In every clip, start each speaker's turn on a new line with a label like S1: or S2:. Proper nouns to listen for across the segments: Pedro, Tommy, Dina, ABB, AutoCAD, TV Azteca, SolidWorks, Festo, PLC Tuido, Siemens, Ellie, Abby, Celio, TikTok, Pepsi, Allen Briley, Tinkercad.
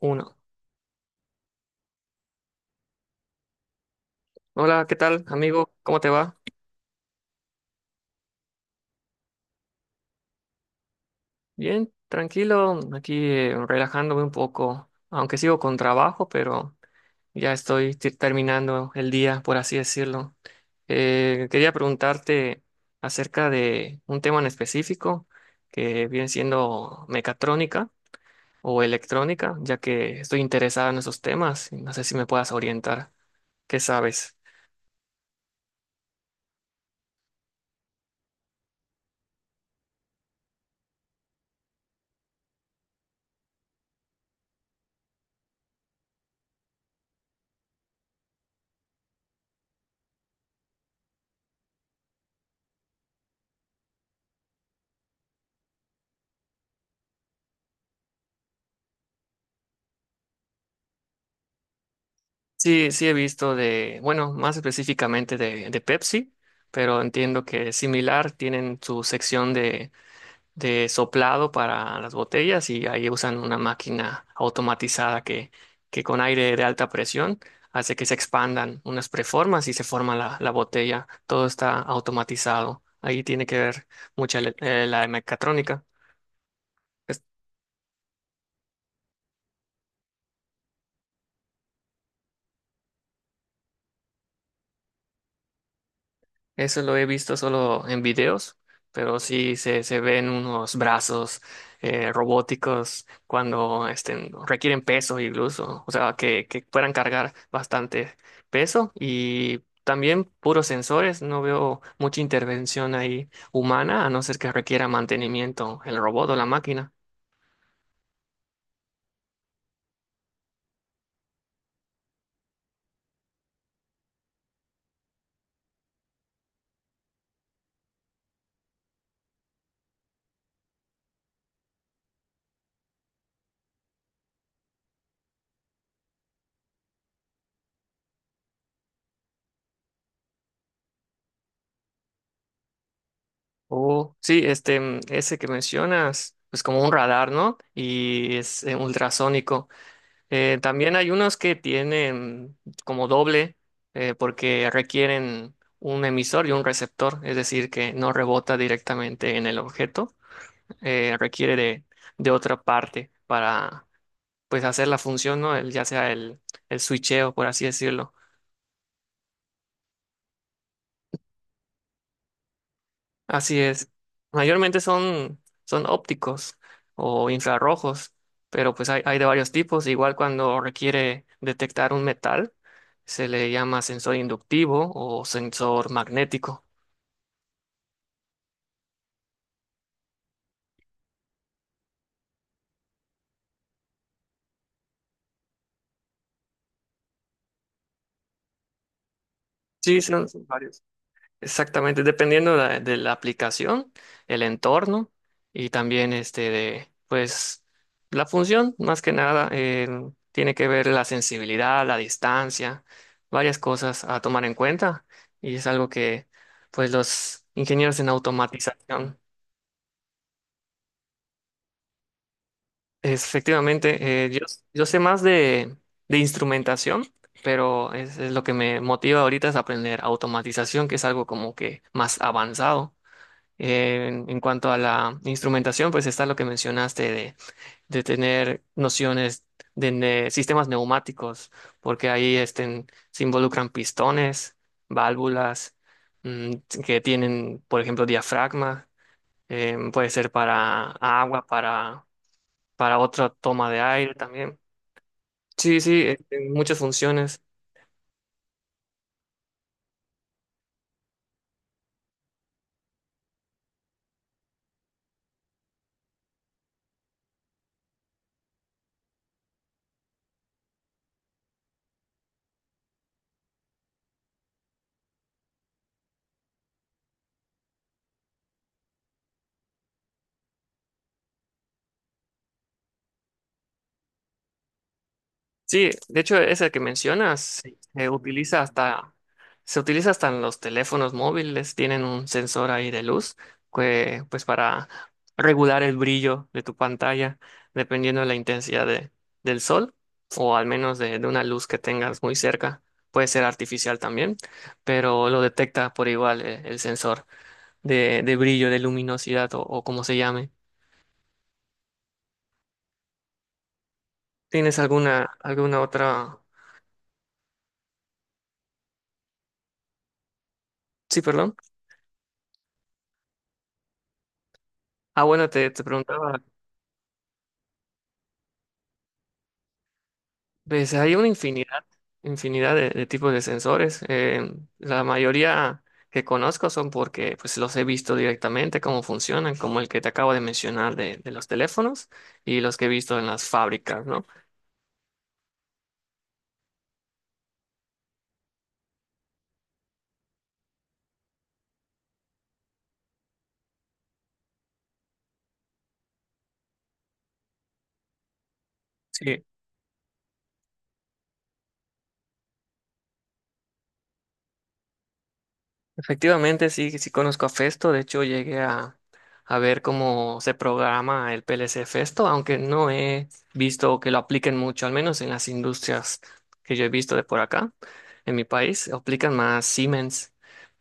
S1: Uno. Hola, ¿qué tal, amigo? ¿Cómo te va? Bien, tranquilo, aquí relajándome un poco, aunque sigo con trabajo, pero ya estoy terminando el día, por así decirlo. Quería preguntarte acerca de un tema en específico que viene siendo mecatrónica o electrónica, ya que estoy interesado en esos temas y no sé si me puedas orientar. ¿Qué sabes? Sí, sí he visto bueno, más específicamente de Pepsi, pero entiendo que es similar, tienen su sección de soplado para las botellas y ahí usan una máquina automatizada que con aire de alta presión hace que se expandan unas preformas y se forma la botella. Todo está automatizado. Ahí tiene que ver la mecatrónica. Eso lo he visto solo en videos, pero sí se ven unos brazos robóticos cuando requieren peso incluso, o sea, que puedan cargar bastante peso y también puros sensores, no veo mucha intervención ahí humana, a no ser que requiera mantenimiento el robot o la máquina. O sí, ese que mencionas, pues como un radar, ¿no? Y es ultrasónico. También hay unos que tienen como doble porque requieren un emisor y un receptor, es decir, que no rebota directamente en el objeto, requiere de otra parte para pues hacer la función, ¿no? Ya sea el switcheo, por así decirlo. Así es. Mayormente son, son ópticos o infrarrojos, pero pues hay de varios tipos. Igual cuando requiere detectar un metal, se le llama sensor inductivo o sensor magnético. Sí, son varios. Exactamente, dependiendo de de la aplicación, el entorno y también de, pues, la función, más que nada, tiene que ver la sensibilidad, la distancia, varias cosas a tomar en cuenta y es algo que, pues, los ingenieros en automatización, es, efectivamente, yo sé más de instrumentación, pero es lo que me motiva ahorita es aprender automatización, que es algo como que más avanzado. En cuanto a la instrumentación, pues está lo que mencionaste de tener nociones de sistemas neumáticos, porque ahí estén, se involucran pistones, válvulas, mm, que tienen, por ejemplo, diafragma, puede ser para agua, para otra toma de aire también. Sí, sí, muchas funciones. Sí, de hecho, ese que mencionas se utiliza hasta en los teléfonos móviles, tienen un sensor ahí de luz que, pues para regular el brillo de tu pantalla, dependiendo de la del sol, o al menos de una luz que tengas muy cerca. Puede ser artificial también, pero lo detecta por igual sensor de brillo, de luminosidad o como se llame. ¿Tienes alguna, alguna otra? Sí, perdón. Ah, bueno, te preguntaba. Pues hay una infinidad, infinidad de tipos de sensores. La mayoría que conozco son porque pues, los he visto directamente, cómo funcionan, como el que te acabo de mencionar de los teléfonos y los que he visto en las fábricas, ¿no? Sí, efectivamente sí, sí conozco a Festo. De hecho, llegué a ver cómo se programa el PLC Festo, aunque no he visto que lo apliquen mucho, al menos en las industrias que yo he visto de por acá, en mi país, aplican más Siemens.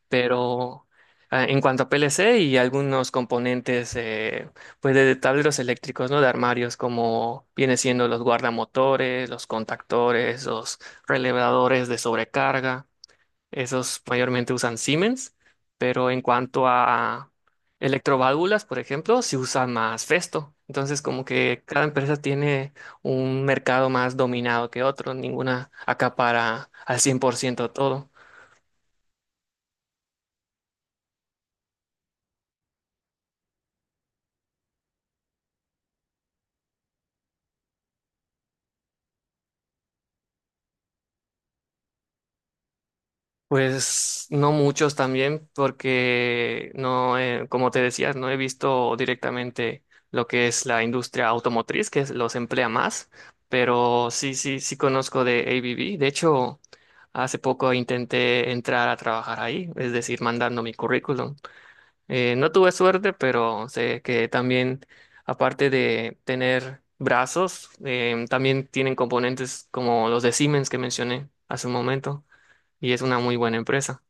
S1: Pero ah, en cuanto a PLC y algunos componentes pues de tableros eléctricos, ¿no? De armarios, como viene siendo los guardamotores, los contactores, los relevadores de sobrecarga, esos mayormente usan Siemens, pero en cuanto a electroválvulas, por ejemplo, se usa más Festo. Entonces, como que cada empresa tiene un mercado más dominado que otro, ninguna acapara al 100% todo. Pues no muchos también, porque no, como te decía, no he visto directamente lo que es la industria automotriz, los emplea más, pero sí, sí, sí conozco de ABB. De hecho, hace poco intenté entrar a trabajar ahí, es decir, mandando mi currículum. No tuve suerte, pero sé que también, aparte de tener brazos, también tienen componentes como los de Siemens que mencioné hace un momento, y es una muy buena empresa.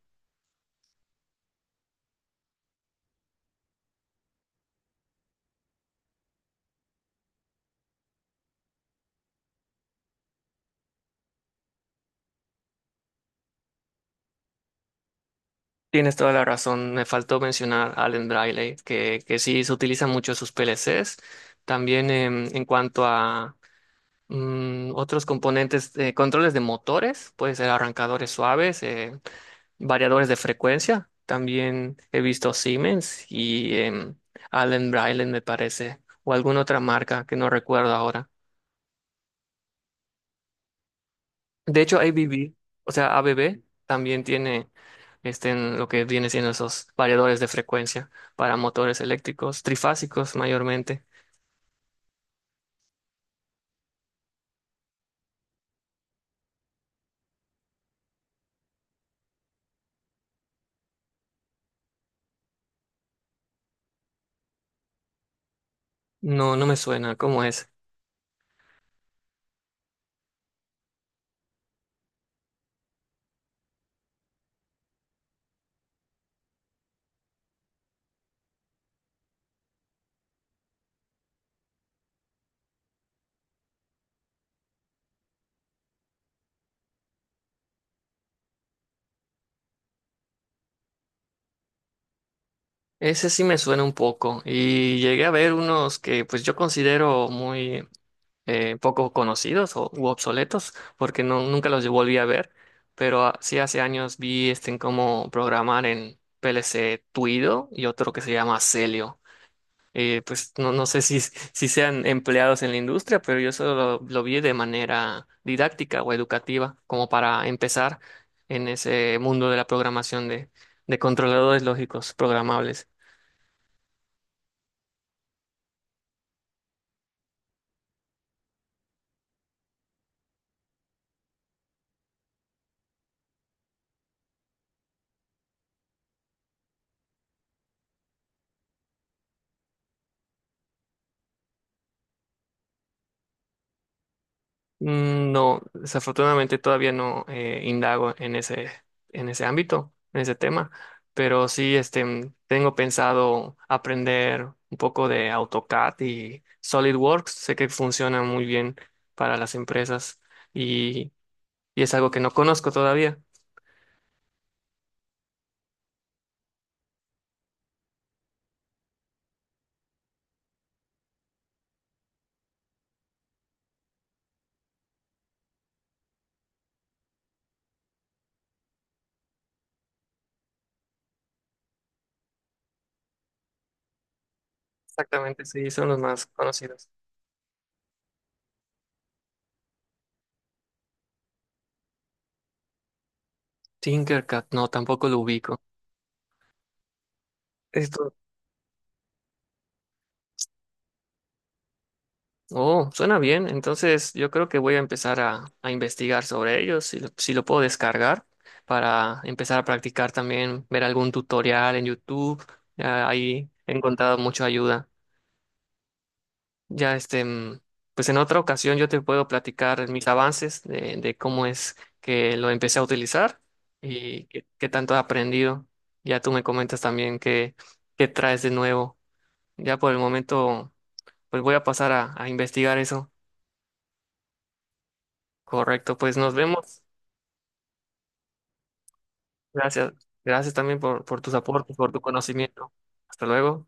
S1: Tienes toda la razón. Me faltó mencionar a Allen Briley, que sí se utilizan mucho sus PLCs. También en cuanto a otros componentes, controles de motores, puede ser arrancadores suaves, variadores de frecuencia. También he visto Siemens y Allen Briley, me parece, o alguna otra marca que no recuerdo ahora. De hecho, ABB, o sea, ABB también tiene en lo que viene siendo esos variadores de frecuencia para motores eléctricos, trifásicos mayormente. No, no me suena, ¿cómo es? Ese sí me suena un poco y llegué a ver unos que pues yo considero muy poco conocidos o u obsoletos porque no, nunca los volví a ver, pero ah, sí hace años vi en cómo programar en PLC Tuido y otro que se llama Celio. Pues no, no sé si, si sean empleados en la industria, pero yo solo lo vi de manera didáctica o educativa, como para empezar en ese mundo de la programación de controladores lógicos programables. No, desafortunadamente todavía no indago en ese ámbito, en ese tema, pero sí tengo pensado aprender un poco de AutoCAD y SolidWorks. Sé que funciona muy bien para las empresas. Y y es algo que no conozco todavía. Exactamente, sí, son los más conocidos. Tinkercad, no, tampoco lo ubico. Esto, oh, suena bien. Entonces, yo creo que voy a empezar a investigar sobre ellos, si lo puedo descargar para empezar a practicar también, ver algún tutorial en YouTube. Ah, ahí he encontrado mucha ayuda. Ya pues en otra ocasión yo te puedo platicar mis avances de cómo es que lo empecé a utilizar y qué, qué tanto he aprendido. Ya tú me comentas también qué, qué traes de nuevo. Ya por el momento, pues voy a pasar a investigar eso. Correcto, pues nos vemos. Gracias. Gracias también por tus aportes, por tu conocimiento. Hasta luego.